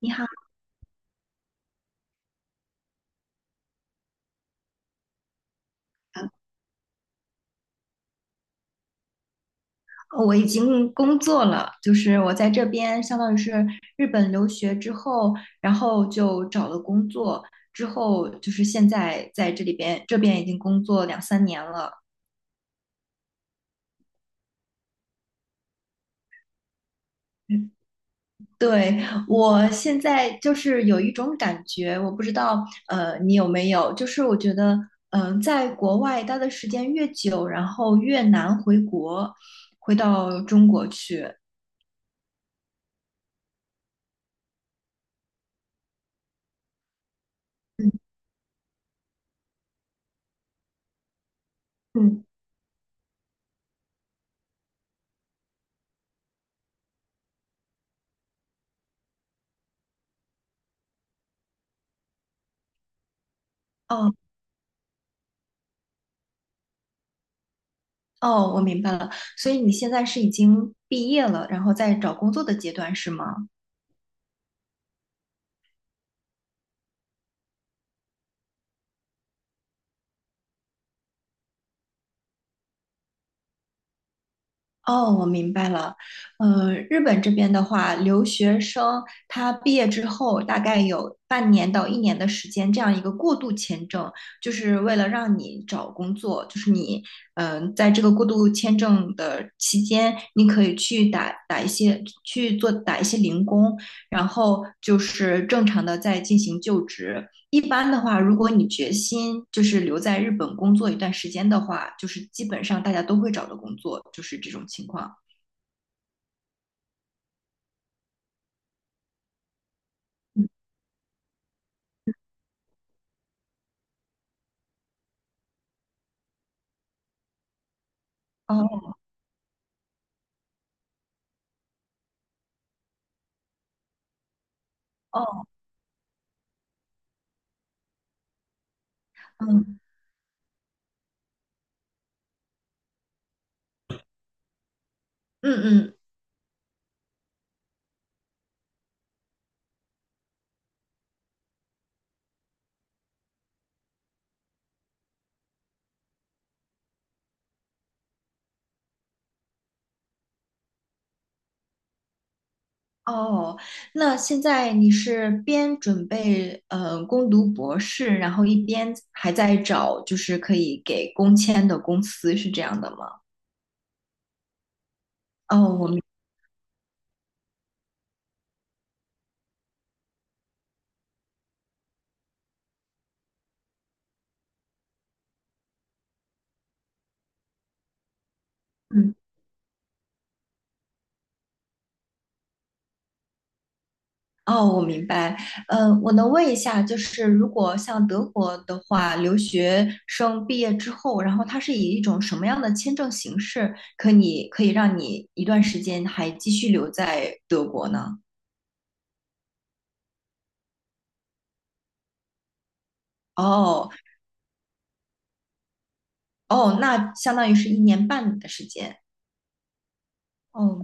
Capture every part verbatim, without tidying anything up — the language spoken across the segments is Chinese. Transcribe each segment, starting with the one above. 你好，呃我已经工作了。就是我在这边相当于是日本留学之后，然后就找了工作，之后就是现在在这里边这边已经工作两三年了。嗯对，我现在就是有一种感觉，我不知道呃你有没有，就是我觉得嗯、呃在国外待的时间越久，然后越难回国，回到中国去。嗯嗯。哦。哦，我明白了。所以你现在是已经毕业了，然后在找工作的阶段是吗？哦，我明白了。呃，日本这边的话，留学生他毕业之后大概有半年到一年的时间，这样一个过渡签证，就是为了让你找工作，就是你，嗯、在这个过渡签证的期间，你可以去打打一些去做打一些零工，然后就是正常的在进行就职。一般的话，如果你决心就是留在日本工作一段时间的话，就是基本上大家都会找到工作，就是这种情况。嗯，哦哦，嗯嗯嗯。哦，那现在你是边准备呃攻读博士，然后一边还在找就是可以给工签的公司，是这样的吗？哦，我明，嗯哦，我明白。呃，我能问一下，就是如果像德国的话，留学生毕业之后，然后他是以一种什么样的签证形式，可以可以让你一段时间还继续留在德国呢？哦哦，那相当于是一年半的时间。哦，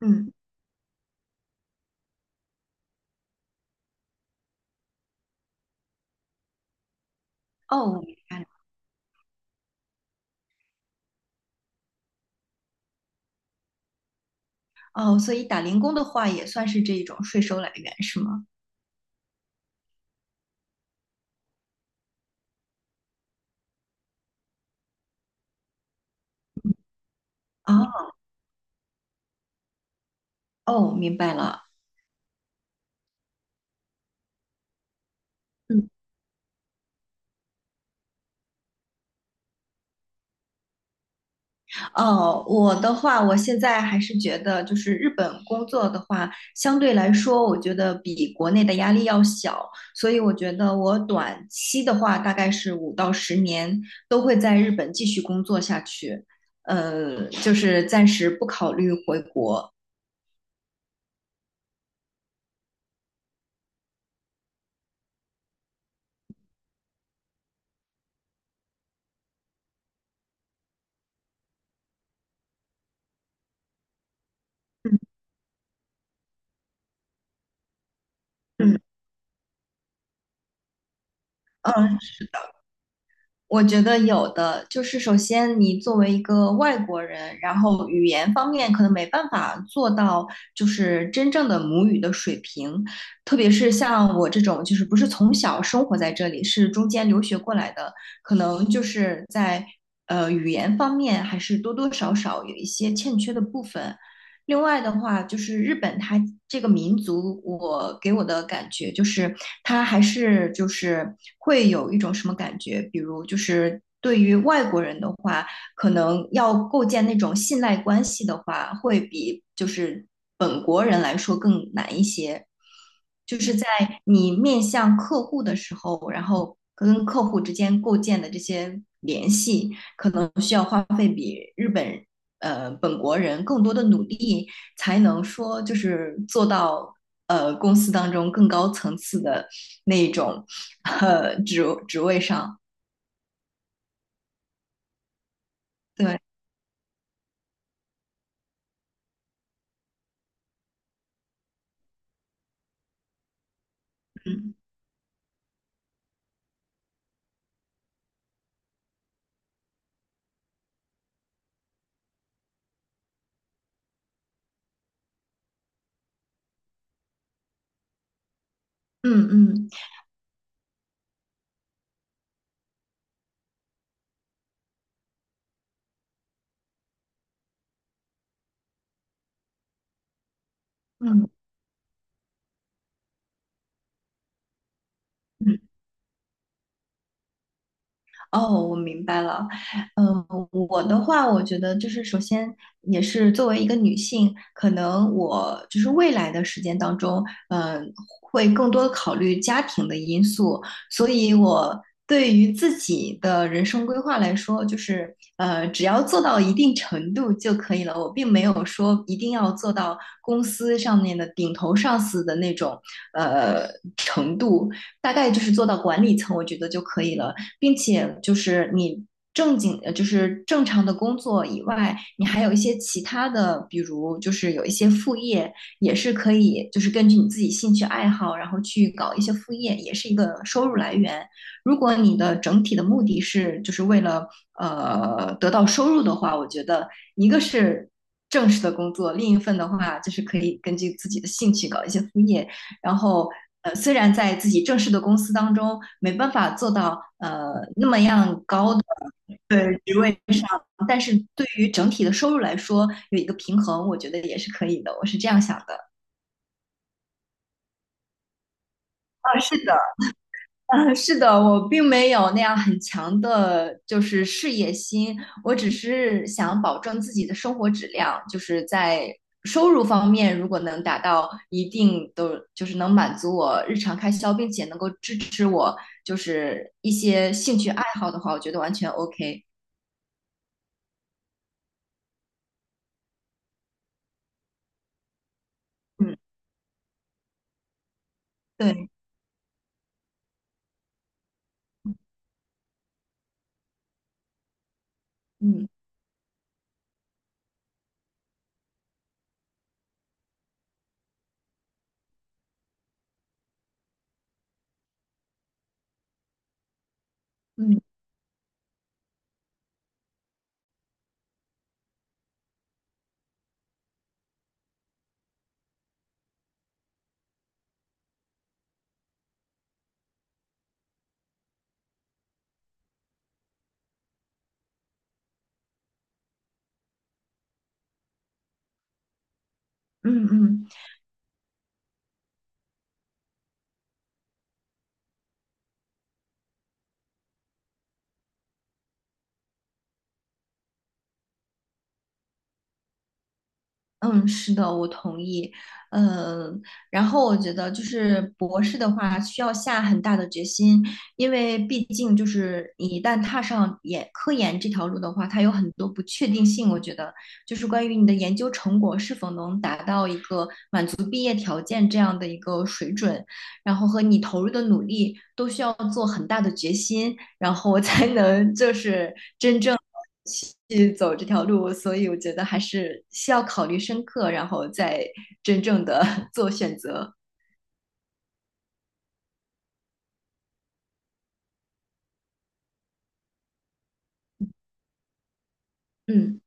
嗯，哦，我明白了。哦，所以打零工的话，也算是这一种税收来源，是吗？哦哦，明白了。嗯。哦，我的话，我现在还是觉得，就是日本工作的话，相对来说，我觉得比国内的压力要小，所以我觉得我短期的话，大概是五到十年都会在日本继续工作下去。呃，就是暂时不考虑回国。嗯嗯，嗯。我觉得有的，就是首先你作为一个外国人，然后语言方面可能没办法做到就是真正的母语的水平，特别是像我这种就是不是从小生活在这里，是中间留学过来的，可能就是在呃语言方面还是多多少少有一些欠缺的部分。另外的话，就是日本它这个民族，我给我的感觉就是它还是就是会有一种什么感觉，比如就是对于外国人的话，可能要构建那种信赖关系的话，会比就是本国人来说更难一些。就是在你面向客户的时候，然后跟客户之间构建的这些联系，可能需要花费比日本呃本国人更多的努力，才能说就是做到呃公司当中更高层次的那一种呃职职位上。对，嗯嗯嗯嗯嗯。哦，我明白了。嗯，我的话，我觉得就是首先也是作为一个女性，可能我就是未来的时间当中，嗯，会更多的考虑家庭的因素，所以我对于自己的人生规划来说，就是呃，只要做到一定程度就可以了。我并没有说一定要做到公司上面的顶头上司的那种呃程度，大概就是做到管理层，我觉得就可以了。并且就是你正经呃就是正常的工作以外，你还有一些其他的，比如就是有一些副业，也是可以就是根据你自己兴趣爱好，然后去搞一些副业，也是一个收入来源。如果你的整体的目的是就是为了呃得到收入的话，我觉得一个是正式的工作，另一份的话就是可以根据自己的兴趣搞一些副业，然后呃，虽然在自己正式的公司当中没办法做到呃那么样高的职位上，但是对于整体的收入来说有一个平衡，我觉得也是可以的。我是这样想的。啊，是的，啊，是的，我并没有那样很强的，就是事业心，我只是想保证自己的生活质量，就是在收入方面，如果能达到一定的，就是能满足我日常开销，并且能够支持我就是一些兴趣爱好的话，我觉得完全 OK。嗯，对，嗯嗯嗯嗯。嗯，是的，我同意。呃，然后我觉得就是博士的话，需要下很大的决心，因为毕竟就是你一旦踏上研科研这条路的话，它有很多不确定性。我觉得就是关于你的研究成果是否能达到一个满足毕业条件这样的一个水准，然后和你投入的努力都需要做很大的决心。然后我才能就是真正去走这条路。所以我觉得还是需要考虑深刻，然后再真正的 做选择。嗯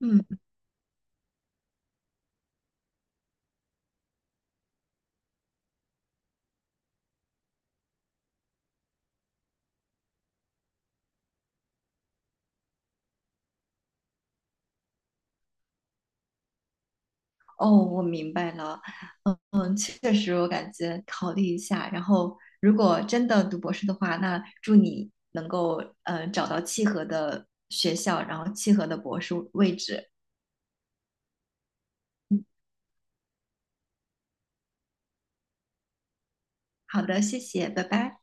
嗯，哦，我明白了。嗯，确实，我感觉考虑一下。然后，如果真的读博士的话，那祝你能够呃找到契合的学校，然后契合的博士位置。好的，谢谢，拜拜。